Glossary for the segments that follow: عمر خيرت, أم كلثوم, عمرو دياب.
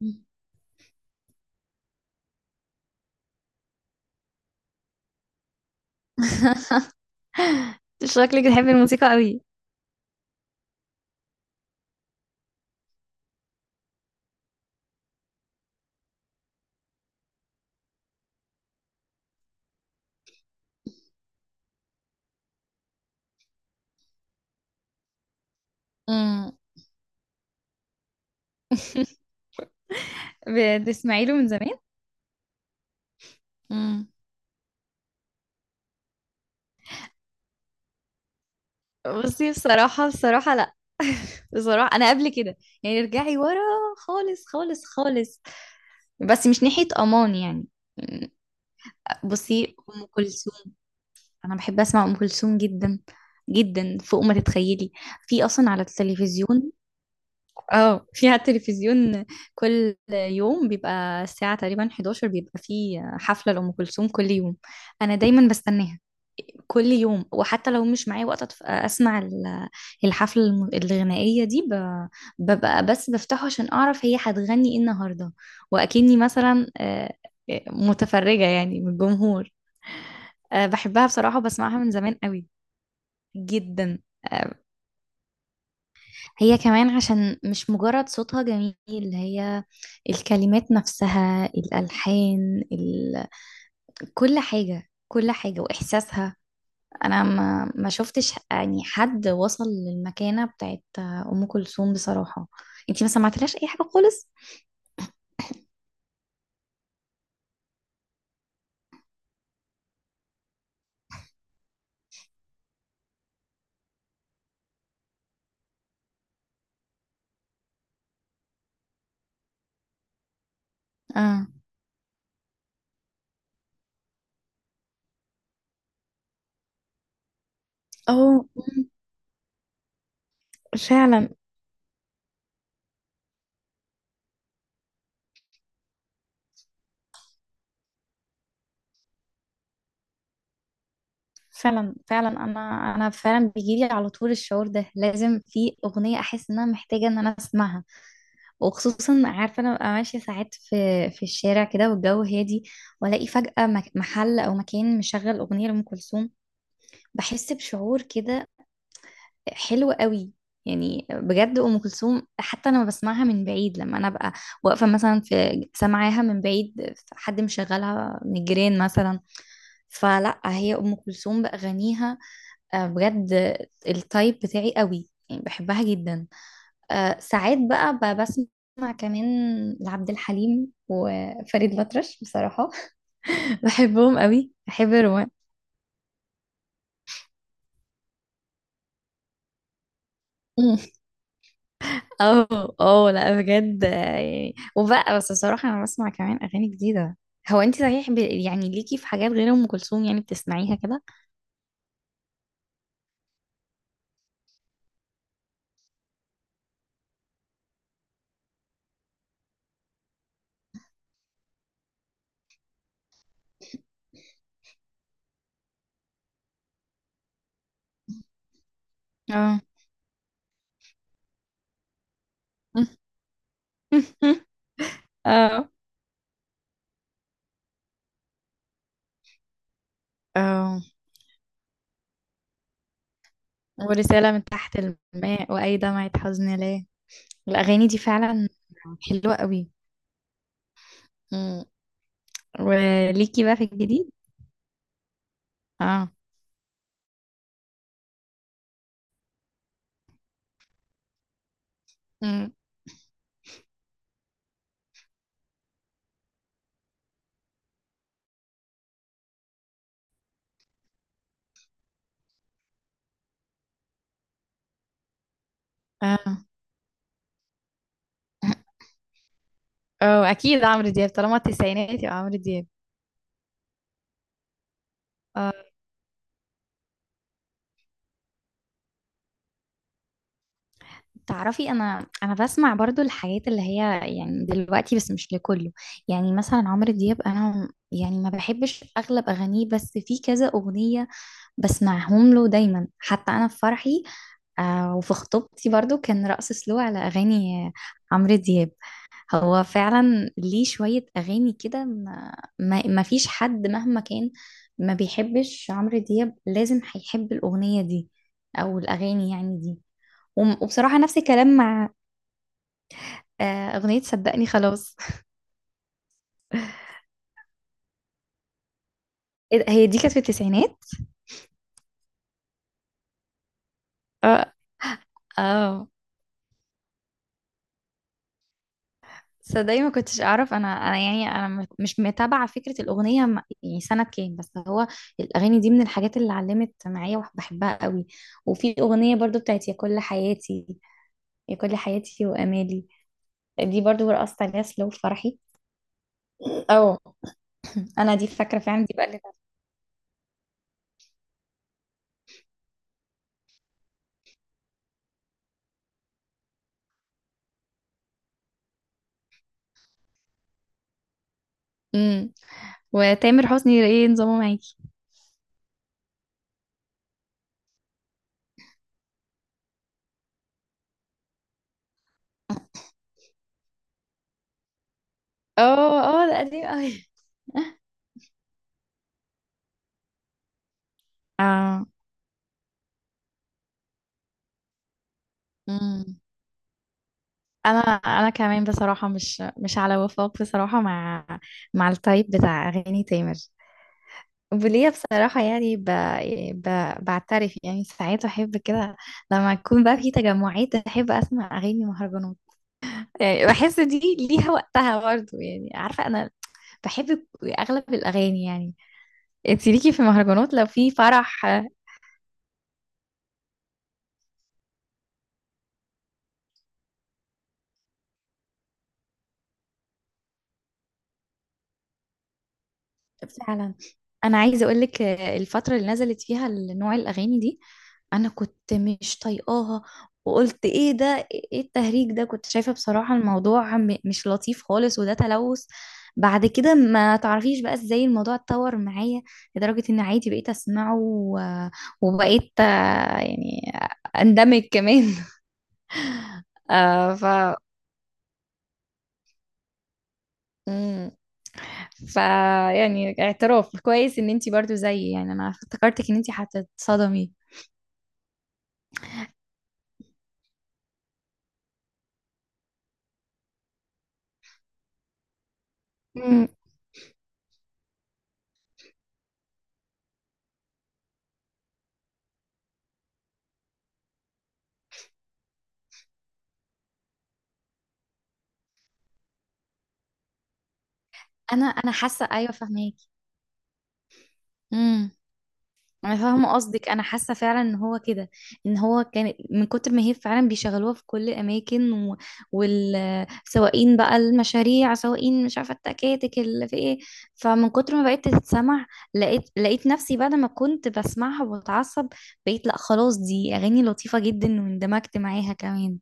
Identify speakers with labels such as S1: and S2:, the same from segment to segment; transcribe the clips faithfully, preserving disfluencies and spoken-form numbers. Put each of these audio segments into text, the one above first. S1: شكلك بتحبي الموسيقى قوي. امم بتسمعي له من زمان. امم بصي، بصراحة بصراحة لا. بصراحة أنا قبل كده، يعني ارجعي ورا خالص خالص خالص، بس مش ناحية أمان يعني. بصي، أم كلثوم. أنا بحب أسمع أم كلثوم جدا، جدا فوق ما تتخيلي. في أصلا على التلفزيون. اه، في على التلفزيون. كل يوم بيبقى الساعة تقريبا حداشر بيبقى في حفلة لأم كلثوم كل يوم. أنا دايما بستناها كل يوم. وحتى لو مش معايا وقت أتف- أسمع ال- الحفلة الم- الغنائية دي ب- ببقى بس بفتحه عشان أعرف هي هتغني إيه النهاردة. وأكني مثلا، آه، آه، متفرجة يعني من الجمهور. آه، بحبها بصراحة وبسمعها من زمان قوي، جدا. آه، هي كمان عشان مش مجرد صوتها جميل. هي الكلمات نفسها، الألحان ال... كل حاجة كل حاجة وإحساسها. أنا ما, ما شفتش يعني حد وصل للمكانة بتاعت أم كلثوم بصراحة. أنتي ما سمعتلهاش أي حاجة خالص؟ اه. أو مم. فعلا فعلا فعلا أنا أنا فعلا بيجيلي على طول الشعور ده، لازم في أغنية أحس إن أنا محتاجة إن أنا أسمعها. وخصوصا عارفه انا ببقى ماشيه ساعات في في الشارع كده والجو هادي، والاقي فجاه مك- محل او مكان مشغل اغنيه لام كلثوم. بحس بشعور كده حلو قوي. يعني بجد ام كلثوم حتى انا بسمعها من بعيد، لما انا ببقى واقفه مثلا في، سامعاها من بعيد حد مشغلها من الجيران مثلا. فلا، هي ام كلثوم باغانيها، آه، بجد التايب بتاعي قوي، يعني بحبها جدا. آه، ساعات بقى ب- بسمع كمان لعبد الحليم وفريد الأطرش بصراحة. بحبهم قوي، بحب الرومان. مم. اه، اه، لا بجد. آه، يعني وبقى بس بصراحة أنا بسمع كمان أغاني جديدة. هو أنت صحيح ب... يعني ليكي في حاجات غير أم كلثوم يعني بتسمعيها كده؟ اه. اه، اه، ورسالة من تحت الماء، وأي دمعة حزن ليه. الأغاني دي فعلا حلوة قوي. مم. وليكي بقى في الجديد؟ اه. مم. اه، اه، اكيد عمرو دياب، طالما التسعينات يبقى عمرو دياب. آه، تعرفي انا انا بسمع برضو الحاجات اللي هي يعني دلوقتي، بس مش لكله. يعني مثلا عمرو دياب، انا يعني ما بحبش اغلب اغانيه، بس في كذا اغنية بسمعهم له دايما. حتى انا في فرحي، آه، وفي خطوبتي برضو كان رقص سلو على اغاني عمرو دياب. هو فعلا ليه شوية أغاني كده، ما, ما, ما فيش حد مهما كان ما بيحبش عمرو دياب لازم هيحب الأغنية دي، أو الأغاني يعني دي. وم- وبصراحة نفس الكلام مع، آه، أغنية صدقني خلاص. إيه ده، هي دي كانت في التسعينات. اه، اه، صدقني، ما كنتش أعرف. أنا أنا يعني أنا م- مش متابعة فكرة الأغنية م- يعني سنة كام. بس هو الأغاني دي من الحاجات اللي علمت معايا وبحبها قوي. وفي أغنية برضو بتاعت يا كل حياتي، يا كل حياتي وامالي. دي برضو رقصت عليها سلو في فرحي. اه، انا دي فاكره فعلا، دي بقى اللي، امم. وتامر حسني ايه نظامه معاكي؟ اه، اه، ده قديم قوي. اه. امم انا انا كمان بصراحه مش مش على وفاق بصراحه مع، مع التايب بتاع اغاني تامر. وليا بصراحه يعني ب... ب... بعترف يعني ساعات احب كده، لما تكون بقى في تجمعات احب اسمع اغاني مهرجانات. يعني بحس دي ليها وقتها برضه. يعني عارفه انا بحب اغلب الاغاني يعني. انت ليكي في مهرجانات لو في فرح؟ فعلا، انا عايزه اقول لك الفتره اللي نزلت فيها نوع الاغاني دي، انا كنت مش طايقاها، وقلت ايه ده، ايه التهريج ده. كنت شايفه بصراحه الموضوع م- مش لطيف خالص وده تلوث. بعد كده، ما تعرفيش بقى ازاي الموضوع اتطور معايا، لدرجه ان عادي بقيت اسمعه و- وبقيت آه، يعني اندمج كمان. آه، ف، فيعني اعتراف كويس ان انتي برضو زيي. يعني انا افتكرتك ان انتي هتتصدمي. مم. انا انا حاسه ايوه، فاهماكي. امم انا فاهمه قصدك، انا حاسه فعلا ان هو كده، ان هو كان من كتر ما هي فعلا بيشغلوها في كل الاماكن و، والسواقين بقى المشاريع، سواقين مش عارفه التكاتك اللي في ايه. فمن كتر ما بقيت تتسمع، لقيت لقيت نفسي بعد ما كنت بسمعها وبتعصب، بقيت لا خلاص، دي اغاني لطيفه جدا واندمجت معاها كمان.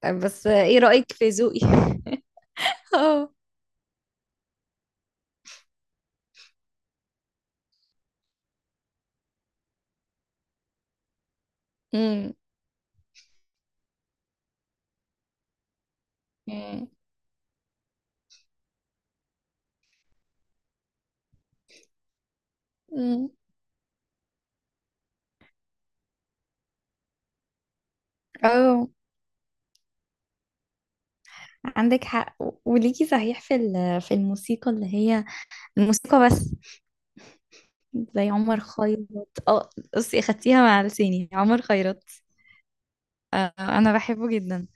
S1: طيب، بس ايه رأيك في ذوقي؟ اه. امم امم أمم. اه، عندك حق. و- وليكي صحيح في ال- في الموسيقى اللي هي الموسيقى بس. زي عمر خيرت. اه، بصي اخدتيها مع لساني، عمر خيرت. آه، انا بحبه جدا.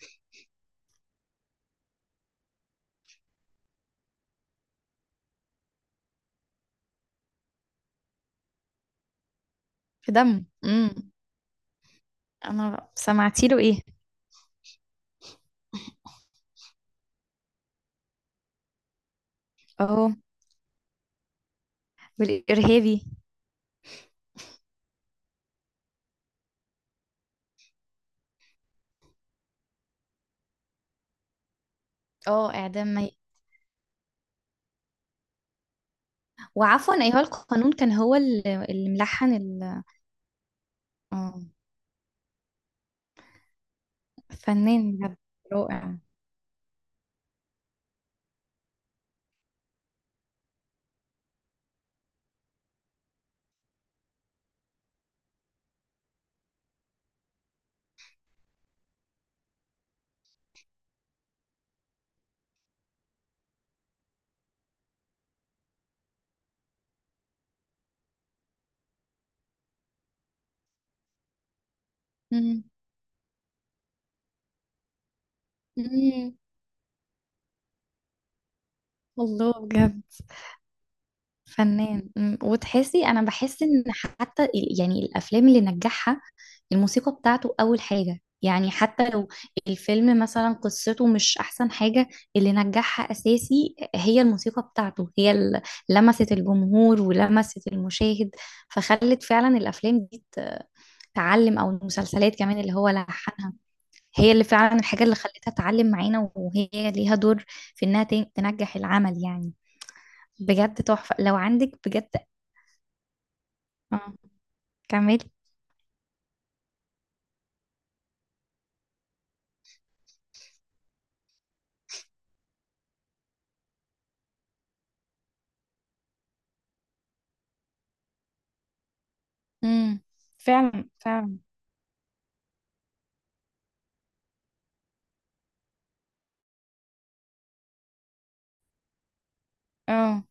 S1: في دمه. امم. انا سمعتي له ايه؟ اه، والارهابي. اه، اعدام مي، وعفوا ايها القانون كان هو اللي اللي ملحن ال- اه، فنان بجد، رائع. مم. الله، بجد فنان. مم. وتحسي انا بحس ان حتى ال- يعني الافلام اللي نجحها الموسيقى بتاعته اول حاجة، يعني حتى لو الفيلم مثلا قصته مش احسن حاجة، اللي نجحها اساسي هي الموسيقى بتاعته، هي اللي لمست الجمهور ولمست المشاهد، فخلت فعلا الافلام دي ت- تعلم، او المسلسلات كمان اللي هو لحنها، هي اللي فعلا الحاجة اللي خلتها تعلم معانا، وهي ليها دور في انها تن- تنجح العمل يعني. بجد تحفة لو عندك، بجد. اه، كملي. امم. فعلا فعلا. اه،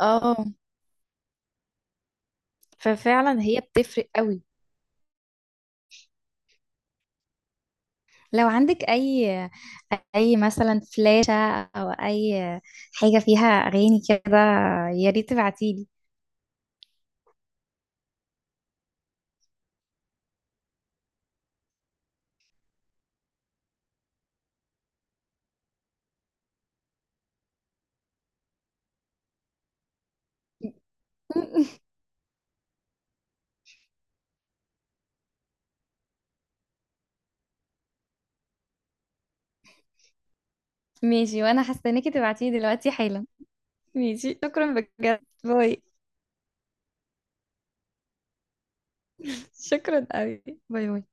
S1: اه، ففعلا هي بتفرق قوي. لو عندك اي، اي مثلا فلاشة، او اي حاجة فيها اغاني كده، يا ريت تبعتيلي. ماشي، وانا هستناكي تبعتيلي دلوقتي حالا. ماشي، شكرا، بجد، باي. شكرا قوي، باي باي.